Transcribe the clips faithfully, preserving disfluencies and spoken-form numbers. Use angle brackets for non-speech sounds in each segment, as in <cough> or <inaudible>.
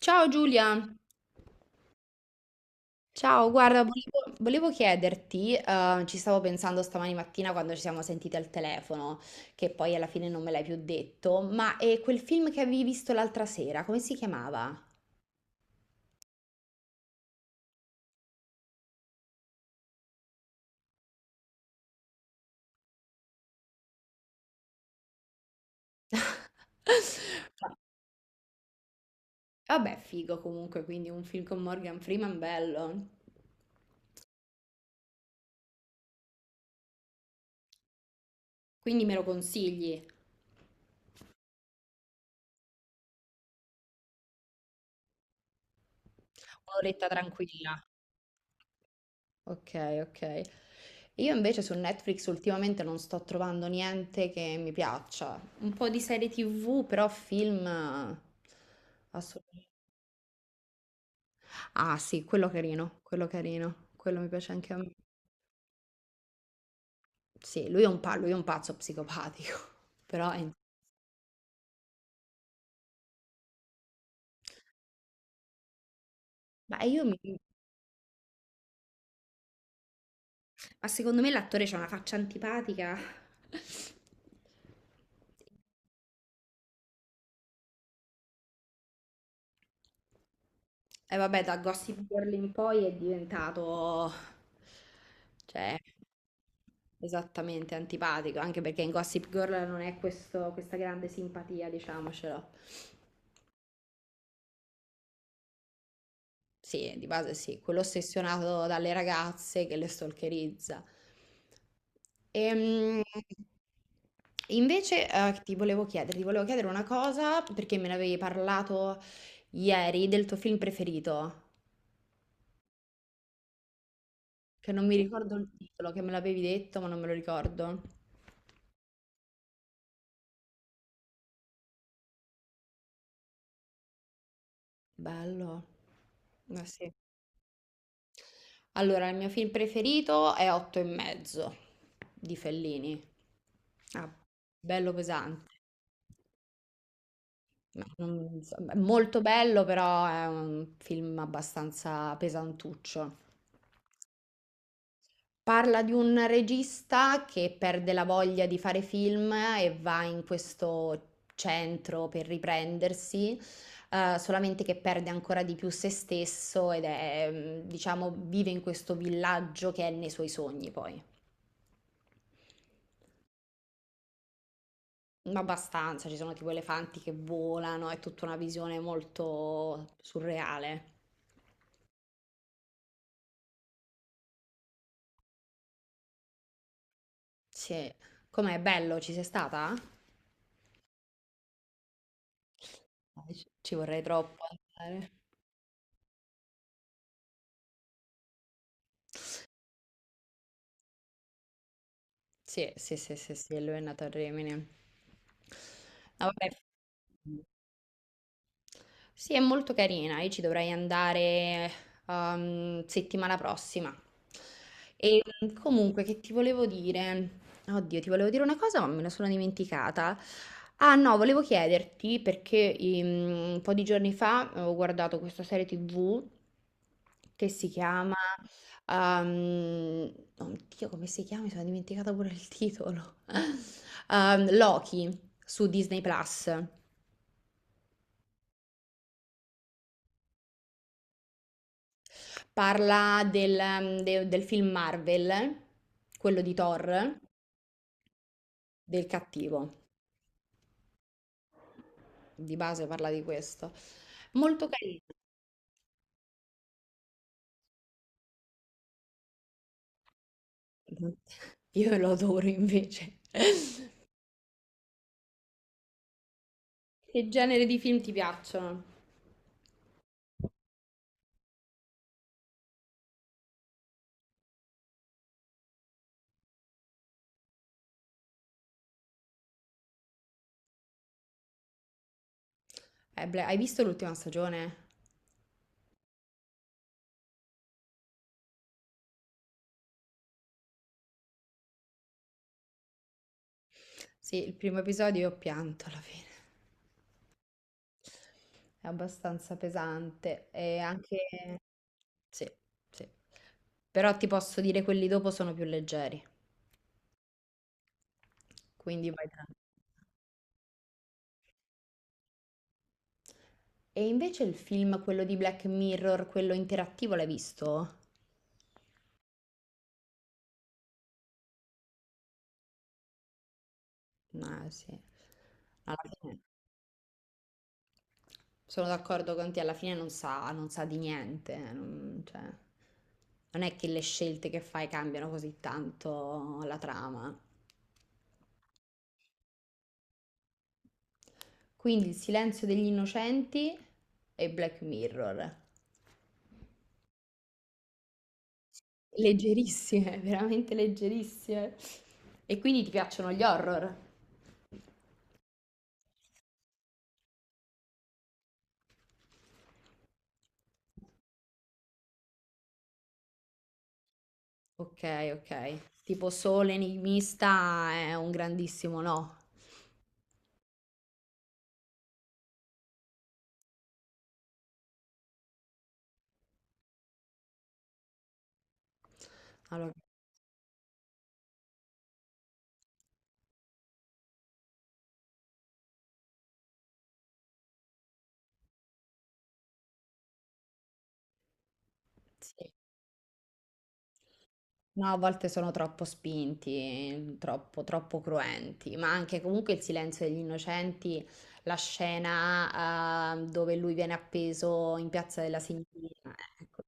Ciao Giulia, ciao, guarda, volevo, volevo chiederti, eh, ci stavo pensando stamani mattina quando ci siamo sentite al telefono, che poi alla fine non me l'hai più detto, ma è quel film che avevi visto l'altra sera, come si chiamava? <laughs> Vabbè, figo comunque, quindi un film con Morgan Freeman bello, quindi me lo consigli, un'oretta tranquilla. Ok, ok. Io invece su Netflix ultimamente non sto trovando niente che mi piaccia. Un po' di serie ti vu, però film eh, assolutamente. Ah, sì, quello carino, quello carino, quello mi piace anche a me. Sì, lui è un, pa- lui è un pazzo psicopatico, <laughs> però è- Ma io mi... Ma secondo me l'attore c'ha una faccia antipatica. <laughs> E vabbè, da Gossip Girl in poi è diventato, cioè, esattamente antipatico, anche perché in Gossip Girl non è questo- questa grande simpatia, diciamocelo. Sì, di base sì, quello ossessionato dalle ragazze che le stalkerizza. Ehm, invece, eh, ti volevo chiedere, ti volevo chiedere una cosa perché me ne avevi parlato ieri del tuo film preferito. Che non mi ricordo il titolo, che me l'avevi detto, ma non me lo ricordo. Bello. Ma sì. Allora, il mio film preferito è Otto e mezzo di Fellini. Ah, bello pesante. Ma non- insomma, è molto bello, però è un film abbastanza pesantuccio. Parla di un regista che perde la voglia di fare film e va in questo centro per riprendersi, eh, solamente che perde ancora di più se stesso ed è, mm, diciamo, vive in questo villaggio che è nei suoi sogni poi. Ma abbastanza, ci sono tipo elefanti che volano, è tutta una visione molto surreale. Sì. Com'è bello, ci sei stata? Dai, Ci ci vorrei troppo andare. Sì, sì, sì, sì, sì, lui è nato a Rimini. Ah, vabbè. Sì, è molto carina. Io ci dovrei andare ehm, settimana prossima. E mm, comunque, che ti volevo dire? Oddio, ti volevo dire una cosa, ma me la sono dimenticata. Ah, no, volevo chiederti perché mm, un po' di giorni fa ho guardato questa serie ti vu che si chiama... ehm, oddio, come si chiama? Mi sono dimenticata pure il titolo. <laughs> Ehm, Loki su Disney Plus. Parla del, ehm, de- del film Marvel, quello di Thor, del cattivo. Di base parla di questo. Molto carino. <laughs> Io lo adoro invece. Che genere di film ti piacciono? Eh, Bla- hai visto l'ultima stagione? Sì, il primo episodio io ho pianto alla fine. È abbastanza pesante e anche... Sì, sì. Però ti posso dire quelli dopo sono più leggeri, quindi vai tranquillo. E invece il film, quello di Black Mirror, quello interattivo, l'hai visto? No, sì. Alla fine sono d'accordo con te, alla fine non sa, non sa di niente. Non, cioè, non è che le scelte che fai cambiano così tanto la trama. Quindi Il silenzio degli innocenti e Black Mirror. Leggerissime, <laughs> veramente leggerissime. E quindi ti piacciono gli horror? Ok, ok. Tipo solo enigmista è un grandissimo no. Allora, sì. No, a volte sono troppo spinti, troppo, troppo cruenti, ma anche comunque il silenzio degli innocenti, la scena eh, dove lui viene appeso in Piazza della Signoria. Ecco.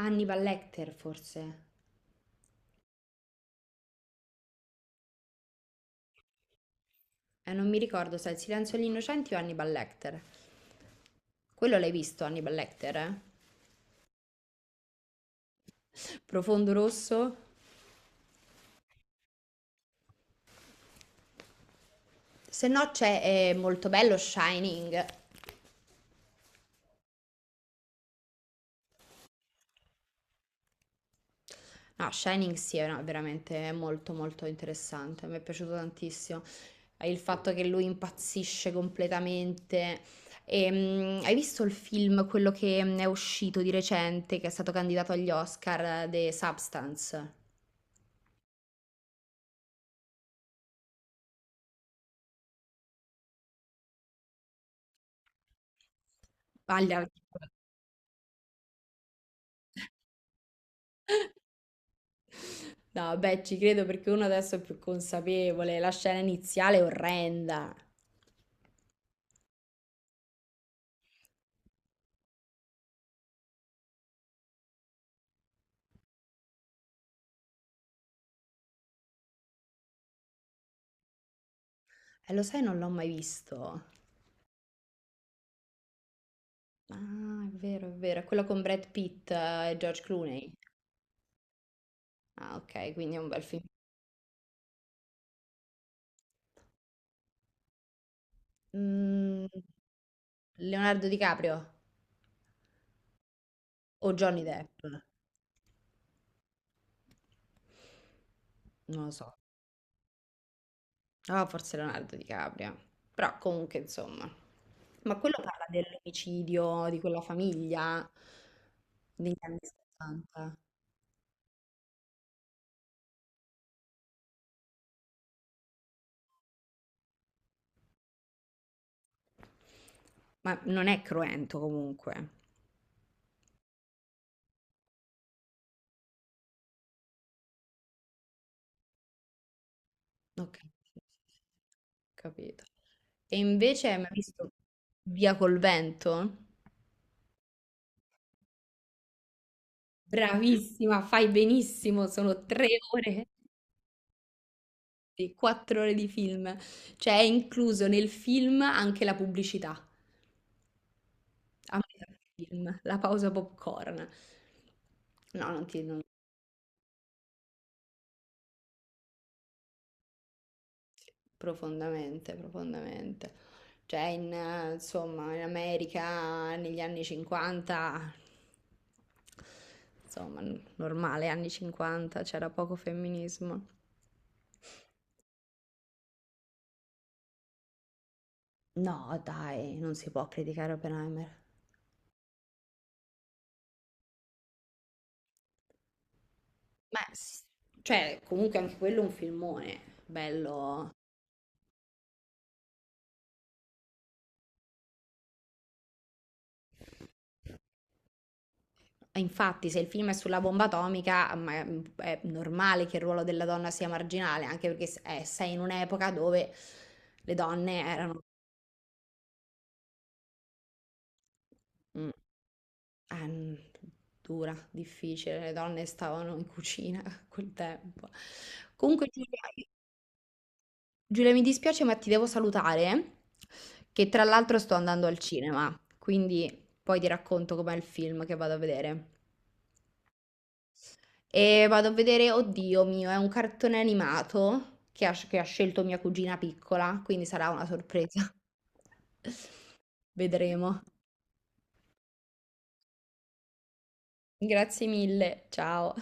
Hannibal Lecter forse. Eh, non mi ricordo se è il silenzio degli innocenti o Hannibal Lecter. Quello l'hai visto, Hannibal Lecter? Eh? Profondo rosso? Se no c'è eh, molto bello Shining. No, Shining sì, è una- veramente molto molto interessante, mi è piaciuto tantissimo. Eh, Il fatto che lui impazzisce completamente. E, mm, hai visto il film, quello che mm, è uscito di recente, che è stato candidato agli Oscar, eh, The Substance? Agli- No, beh, ci credo perché uno adesso è più consapevole, la scena iniziale è orrenda. Eh, lo sai, non l'ho mai visto. Ah, è vero, è vero. È quello con Brad Pitt eh, e George Clooney. Ah, ok, quindi è un bel film. Mm, Leonardo DiCaprio o Johnny Depp? Non lo so. Ah, forse Leonardo DiCaprio. Però comunque, insomma. Ma quello parla dell'omicidio di quella famiglia negli anni settanta. Ma non è cruento comunque. Ok, sì, sì, sì, capito. E invece hai mai visto Via col vento? Bravissima, fai benissimo, sono tre ore, sì, quattro ore di film. Cioè è incluso nel film anche la pubblicità, a metà film, la pausa popcorn. No, non ti... non- Profondamente, profondamente. Cioè, in, eh, insomma, in America negli anni cinquanta, insomma, n- normale, anni cinquanta, c'era poco femminismo. No, dai, non si può criticare Oppenheimer. Ma, s- cioè, comunque anche quello è un filmone, bello. E infatti, se il film è sulla bomba atomica, ma- mm, è normale che il ruolo della donna sia marginale, anche perché s- eh, sei in un'epoca dove le donne erano... Mh. Eh, mhmm, dura, difficile, le donne stavano in cucina <laughs> a quel tempo. Comunque Giulia, i Giulia mi dispiace ma ti devo salutare, che tra l'altro sto andando al cinema, quindi poi ti racconto com'è il film che vado a vedere. E vado a vedere oddio mio, è un cartone animato che ha sc che ha scelto mia cugina piccola, quindi sarà una sorpresa. <laughs> Vedremo. Grazie mille, ciao.